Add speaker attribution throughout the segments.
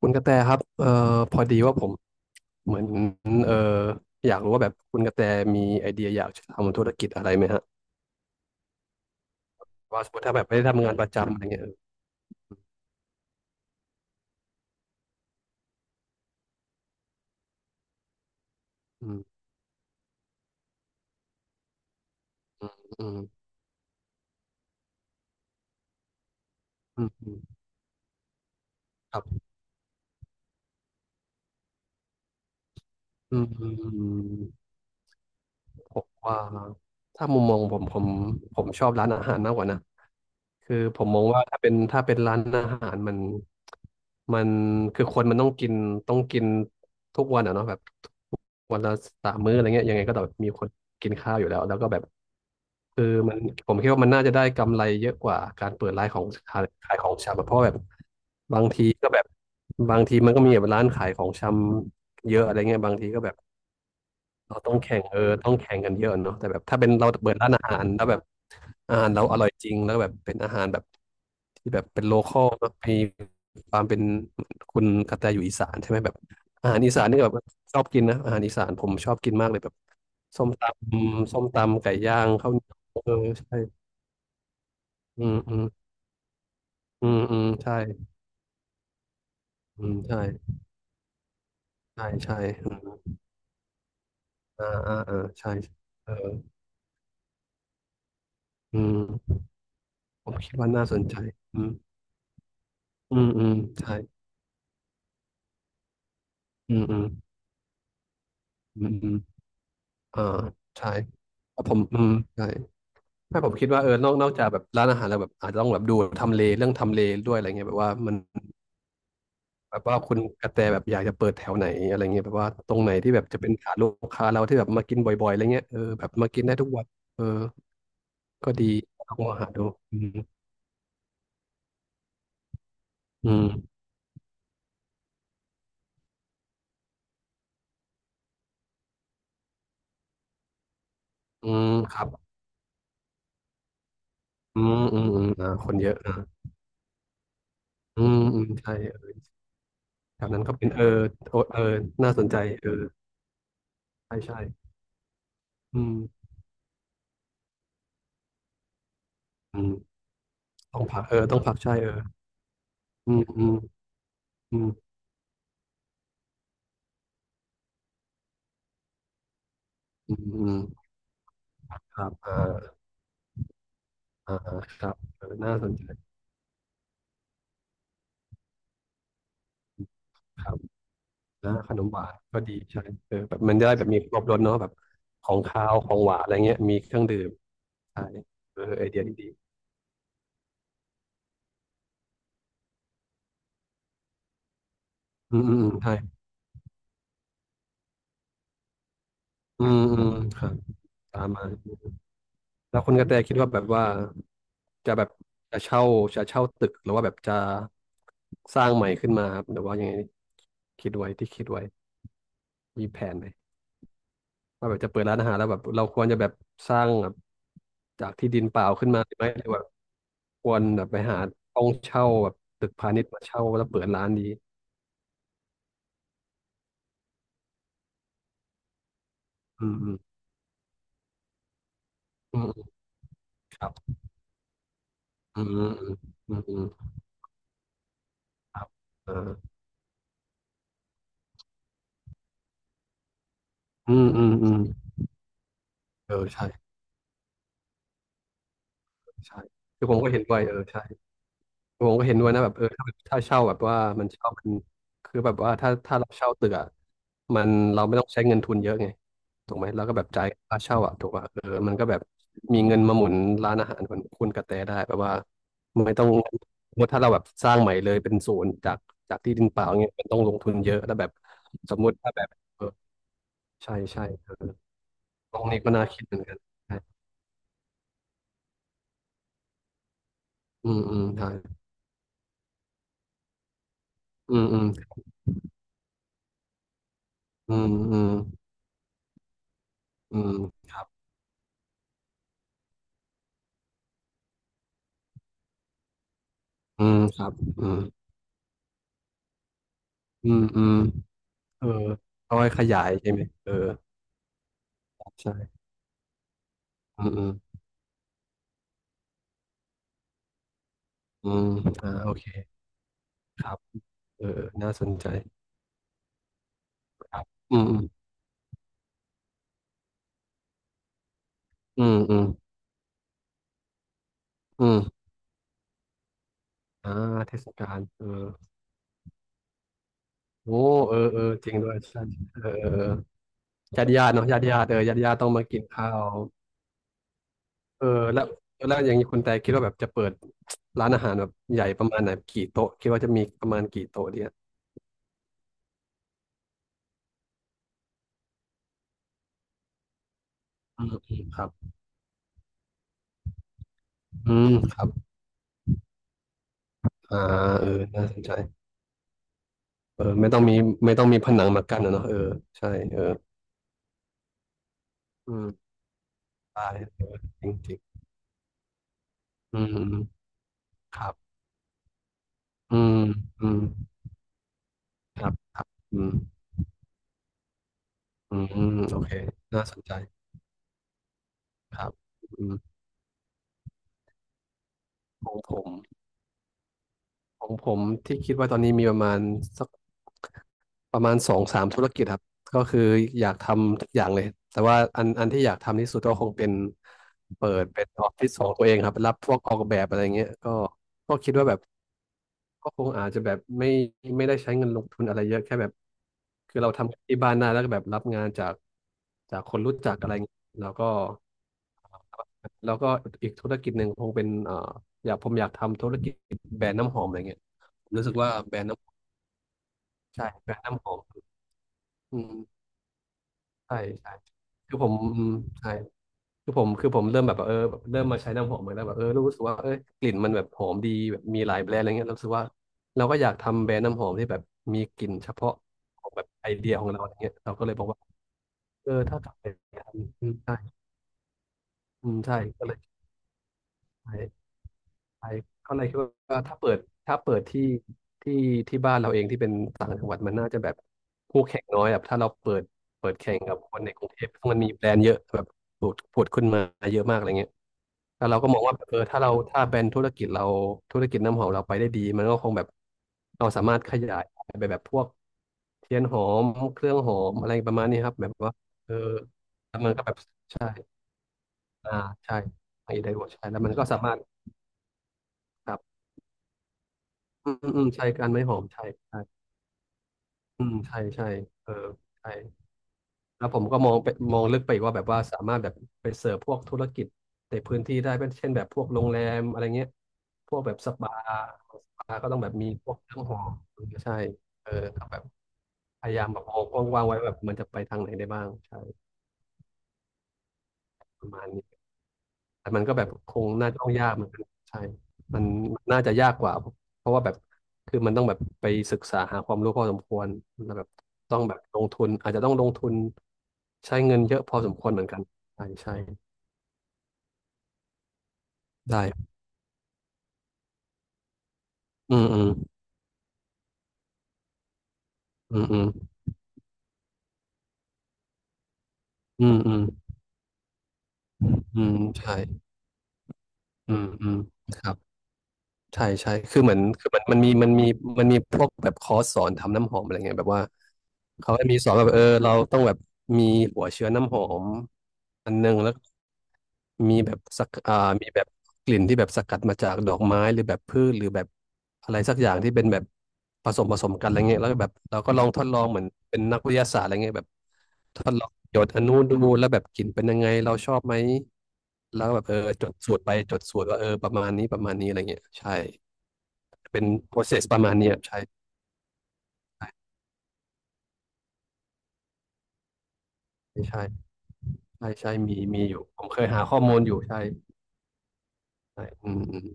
Speaker 1: คุณกระแตครับพอดีว่าผมเหมือนเอ่ออยากรู้ว่าแบบคุณกระแตมีไอเดียอยากจะทำธุรกิจอะไรไหมฮะ ว่าสมมติถ้าแบบไม่ได้ทำงานประจำอะไรเงี้ยเอออืมอืมอืมอืมอืมครับอืมอืมอืมผมว่าถ้ามุมมองผมผมชอบร้านอาหารมากกว่านะ คือผมมองว่าถ้าเป็นร้านอาหารมันคือคนมันต้องกินต้องกินทุกวันอะเนาะแบบวันละสามมื้ออะไรเงี้ยยังไงก็ต้องมีคนกินข้าวอยู่แล้วแล้วก็แบบคือมันผมคิดว่ามันน่าจะได้กำไรเยอะกว่าการเปิดร้านของขายของชำอะเพราะแบบบางทีก็แบบบางทีมันก็มีแบบร้านขายของชำเยอะอะไรเงี้ยบางทีก็แบบ เราต้องแข่งเออต้องแข่งกันเยอะเนาะแต่แบบถ้าเป็นเราเปิดร้านอาหารแล้วแบบอาหารเราอร่อยจริงแล้วแบบเป็นอาหารแบบที่แบบเป็นโลคอลเนอะมีความเป็นคุณกระแตอยู่อีสานใช่ไหมแบบอาหารอีสานนี่แบบชอบกินนะอาหารอีสานผมชอบกินมากเลยแบบส้มตำส้มตำไก่ย่างข้าวเหนียวเออใช่อืมอืมอืมอืมใช่อืมใช่ใช่ใช่อืมอ่าอ่าอ่าใช่เอออืมผมคิดว่าน่าสนใจอืมอืมอืมใช่อืมอืม อืมอืมเออใช่ผมอืมใช่ไม่ผมคิดว่าเออนอกจากแบบร้านอาหารแล้วแบบอาจจะต้องแบบดูทำเลเรื่องทำเลด้วยอะไรเงี้ยแบบว่ามันแบบว่าคุณกระแตแบบอยากจะเปิดแถวไหนอะไรเงี้ยแบบว่าตรงไหนที่แบบจะเป็นฐานลูกค้าเราที่แบบมากินบ่อยๆอะไรเงี้ยเออแบบมากินได้ทุกวันเออก็ดีลองมาหาดูอืมอืมอืมครับอืมอืมอืมอ่าคนเยอะอ่าอืมอืมใช่เออแถวนั้นก็เป็นเออโอเออน่าสนใจเออใช่ใช่อืมอืม ต้องผลักเออต้องพักใช่เอออืมอืมอืมอืมอืมครับอ่าอ่าครับเออน่าสนใจครับนะขนมหวานก็ดีใช่เออแบบมันจะได้แบบมีครบรสเนาะแบบของคาวของหวานอะไรเงี้ยมีเครื่องดื่มใช่เออไอเดียดีๆอืมอืมอืมใช่อืมอืมครับตามมาแล้วคุณกระแตคิดว่าแบบว่าจะแบบจะเช่าจะเช่าตึกหรือว่าแบบจะสร้างใหม่ขึ้นมาครับหรือว่ายังไงคิดไว้มีแผนไหม ว่าแบบจะเปิดร้านอาหารแล้วแบบเราควรจะแบบสร้างแบบจากที่ดินเปล่าขึ้นมาไหมหรือว่าควรแบบไปหาต้องเช่าแบบตึกพาณิชย์มาเช่าแล้วเปิดร้านดีอืมอืมอืมอืมครับอืมอืมอืมอืมครับอ่อืมอืมอืมเออใช่ใช่ผมก็เห็นดวยเออใช่ ผมก็เห็นด้วยนะแบบเออถ้าแบบถ้าเช่าแบบว่ามันเช่ามันคือแบบว่าถ้าเราเช่าตึกอะเราไม่ต้องใช้เงินทุนเยอะไงถูกไหมแล้วก็แบบจ่ายค่าเช่าอะถูกป่ะเออมันก็แบบมีเงินมาหมุนร้านอาหารของคุณกระแตได้แบบว่าไม่ต้องสมมติถ้าเราแบบสร้างใหม่เลยเป็นศูนย์จากที่ดินเปล่าเงี้ยมันต้องลงทุนเยอะแล้วแบบสมมุติถ้าแบบเออใช่ใช่เออตรงนี้ก็น่าคิดเหมือนกันใช่อืมอืมใช่อืมอืมอืมอืมอืมครับอืมครับอืม อืมอืมเออเอาไว้ขยายใช่ไหมเออใช่อืมอืมอืมอ่าโอเคครับเออน่าสนใจครับอืมอืมอืมอืมอืมอ่าเทศกาลเออโอ้เออเออจริงด้วยใช่เออเออญาติญาติเนาะญาติญาติเออญาติญาติต้องมากินข้าวเออแล้วแล้วอย่างนี้คุณแต่คิดว่าแบบจะเปิดร้านอาหารแบบใหญ่ประมาณไหนกี่โต๊ะคิดว่าจะมีประมาณกี่โต๊ะเนี่ยอืมอืมครับอืมครับอ่าเออน่าสนใจ เออไม่ต้องมีผนังมากั้นนะเนาะเออใช่เอออืมได้เออจริงจริงอืมอืมครับอืมอืมครับครับอืมอืมอืมโอเคน่าสนใจครับอืมของผมของผมที่คิดว่าตอนนี้มีประมาณสักประมาณสองสามธุรกิจครับก็คืออยากทำทุกอย่างเลยแต่ว่าอันที่อยากทำที่สุดก็คงเป็นเปิดเป็นออฟฟิศของตัวเองครับรับพวกออกแบบอะไรเงี้ยก็ก็คิดว่าแบบ ก็คงอาจจะแบบไม่ได้ใช้เงินลงทุนอะไรเยอะแค่แบบคือเราทำที่บ้านได้แล้วก็แบบรับงานจากคนรู้จักอะไรเงี้ยแล้วก็แล้วก็อีกธุรกิจหนึ่งคงเป็นอยากผมอยากทำธุรกิจแบรนด์น้ำหอมอะไรเงี้ยผมรู้สึกว่าแบรนด์น้ำใช่แบรนด์น้ำหอมอืมใช่ใช่คือผมอืมใช่ คือผมคือผมเริ่มแบบเออแบบเริ่มมาใช้น้ำหอมเหมือนแล้วแบบเออรู้สึกว่าเออกลิ่นมันแบบหอมดีแบบมีหลายแบรนด์อะไรเงี้ยเรารู้สึกว่าเราก็อยากทำแบรนด์น้ำหอมที่แบบมีกลิ่นเฉพาะของแบบไอเดียของเราอะไรเงี้ยเราก็เลยบอกว่าเออถ้ากลับไปทำอืมใช่อืมใช่ก็เลยใช่ ใช่ก็เลยคิดว่าถ้าเปิดถ้าเปิดที่ที่บ้านเราเองที่เป็นต่างจังหวัดมันน่าจะแบบคู่แข่งน้อยแบบถ้าเราเปิดแข่งกับคนในกรุงเทพ่มันมีแบรนด์เยอะแบบผุดขึ้นมาเยอะมากอะไรเงี้ยแล้วเราก็มองว่าแบบเออถ้าเราแบรนด์ธุรกิจเราธุรกิจน้ำหอมเราไปได้ดีมันก็คงแบบเราสามารถขยายไปแบบพวกเทียนหอมเครื่องหอมอะไรประมาณนี้ครับแบบว่าเออแล้วมันก็แบบใช่อ่าใช่ไอได้หมดใช่แล้วมันก็สามารถครับ อืมอืมใช่การไม่หอมใช่ใช่อืมใช่ใช่เออใช่แล้วผมก็มองไปมองลึกไปอีกว่าแบบว่าสามารถแบบไปเสิร์ฟพวกธุรกิจในพื้นที่ได้เป็นเช่นแบบพวกโรงแรมอะไรเงี้ยพวกแบบสปาสปาก็ต้องแบบมีพวกเครื่องหอมใช่เออก็แบบพยายามแบบมองกว้างๆไว้แบบมันจะไปทางไหนได้บ้างใช่ประมาณนี้ แต่มันก็แบบคงน่าจะต้องยากเหมือนกันใช่มันมันน่าจะยากกว่าเพราะว่าแบบคือมันต้องแบบไปศึกษาหาความรู้พอสมควรแล้วแบบต้องแบบลงทุนอาจจะต้องลงทุนใช้เงินเยอะพอสมควรเหมือนกันใช่ใช่ได้อืมอืมอืมอืมอืมอืมอืมใช่อืมอืมครับ ใช่ใช่คือเหมือนคือมันมีมันมีมันมีพวกแบบคอร์สสอนทำน้ำหอมอะไรเงี้ยแบบว่าเขาจะมีสอนแบบเออเราต้องแบบมีหัวเชื้อน้ำหอมอันนึงแล้วมีแบบสักมีแบบกลิ่นที่แบบสกัดมาจากดอกไม้หรือแบบพืชหรือแบบอะไรสักอย่างที่เป็นแบบผสมกันอะไรเงี้ยแล้วก็แบบเราก็ลองทดลองเหมือนเป็นนักวิทยาศาสตร์อะไรเงี้ยแบบทดลองหยดอันนู้นดูแล้วแบบกลิ่นเป็นยังไงเราชอบไหม แล้วก็แบบเออจดสูตรไปจดสูตรว่าเออประมาณนี้ประมาณนี้อะไรเงี้ยใช่เป็น process ประมาณเนี้ยใช่ใช่ใช่ใช่ใช่มีอยู่ผมเคยหาข้อมูลอยู่ใช่ใช่อืมอืม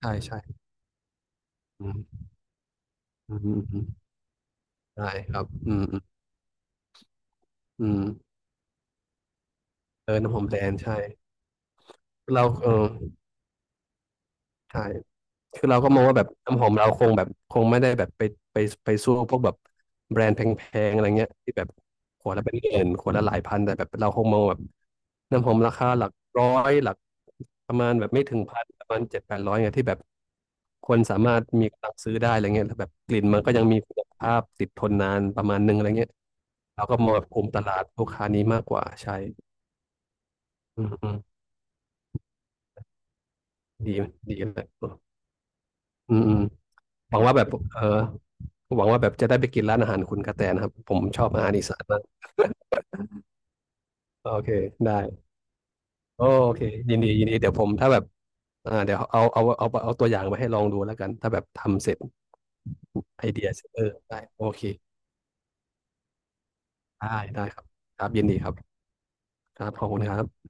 Speaker 1: ใช่ใช่อืมอืมอืมอืมใช่ครับอืมอืมอืมเออน้ำหอมแบรนด์ใช่เราเออ ใช่คือเราก็มองว่าแบบน้ำหอมเราคงแบบคงไม่ได้แบบไปไปสู้พวกแบบแบรนด์แพงๆอะไรเงี้ยที่แบบขวดละเป็นหมื่นขวดละหลายพันแต่แบบเราคงมองแบบน้ำหอมราคาหลักร้อยหลักประมาณแบบไม่ถึงพันประมาณเจ็ดแปดร้อยเงี้ยที่แบบคนสามารถมีกำลังซื้อได้อะไรเงี้ยแล้วแบบกลิ่นมันก็ยังมีคุณภาพติดทนนานประมาณนึงอะไรเงี้ยเราก็มองแบบกลุ่มตลาดลูกค้านี้มากกว่าใช่อืมอืมดีดีเลยอืมอืม หวังว่าแบบเออหวังว่าแบบจะได้ไปกินร้านอาหารคุณกระแตนะครับผมชอบอาหารอีสานมากโอเคได้โอเคยินดียินดีเดี๋ยวผมถ้าแบบอ่าเดี๋ยวเอาตัวอย่างมาให้ลองดูแล้วกันถ้าแบบทำเสร็จไอเดียเสร็จเออได้โอเคได้ได้ครับครับยินดีครับครับขอบคุณครับ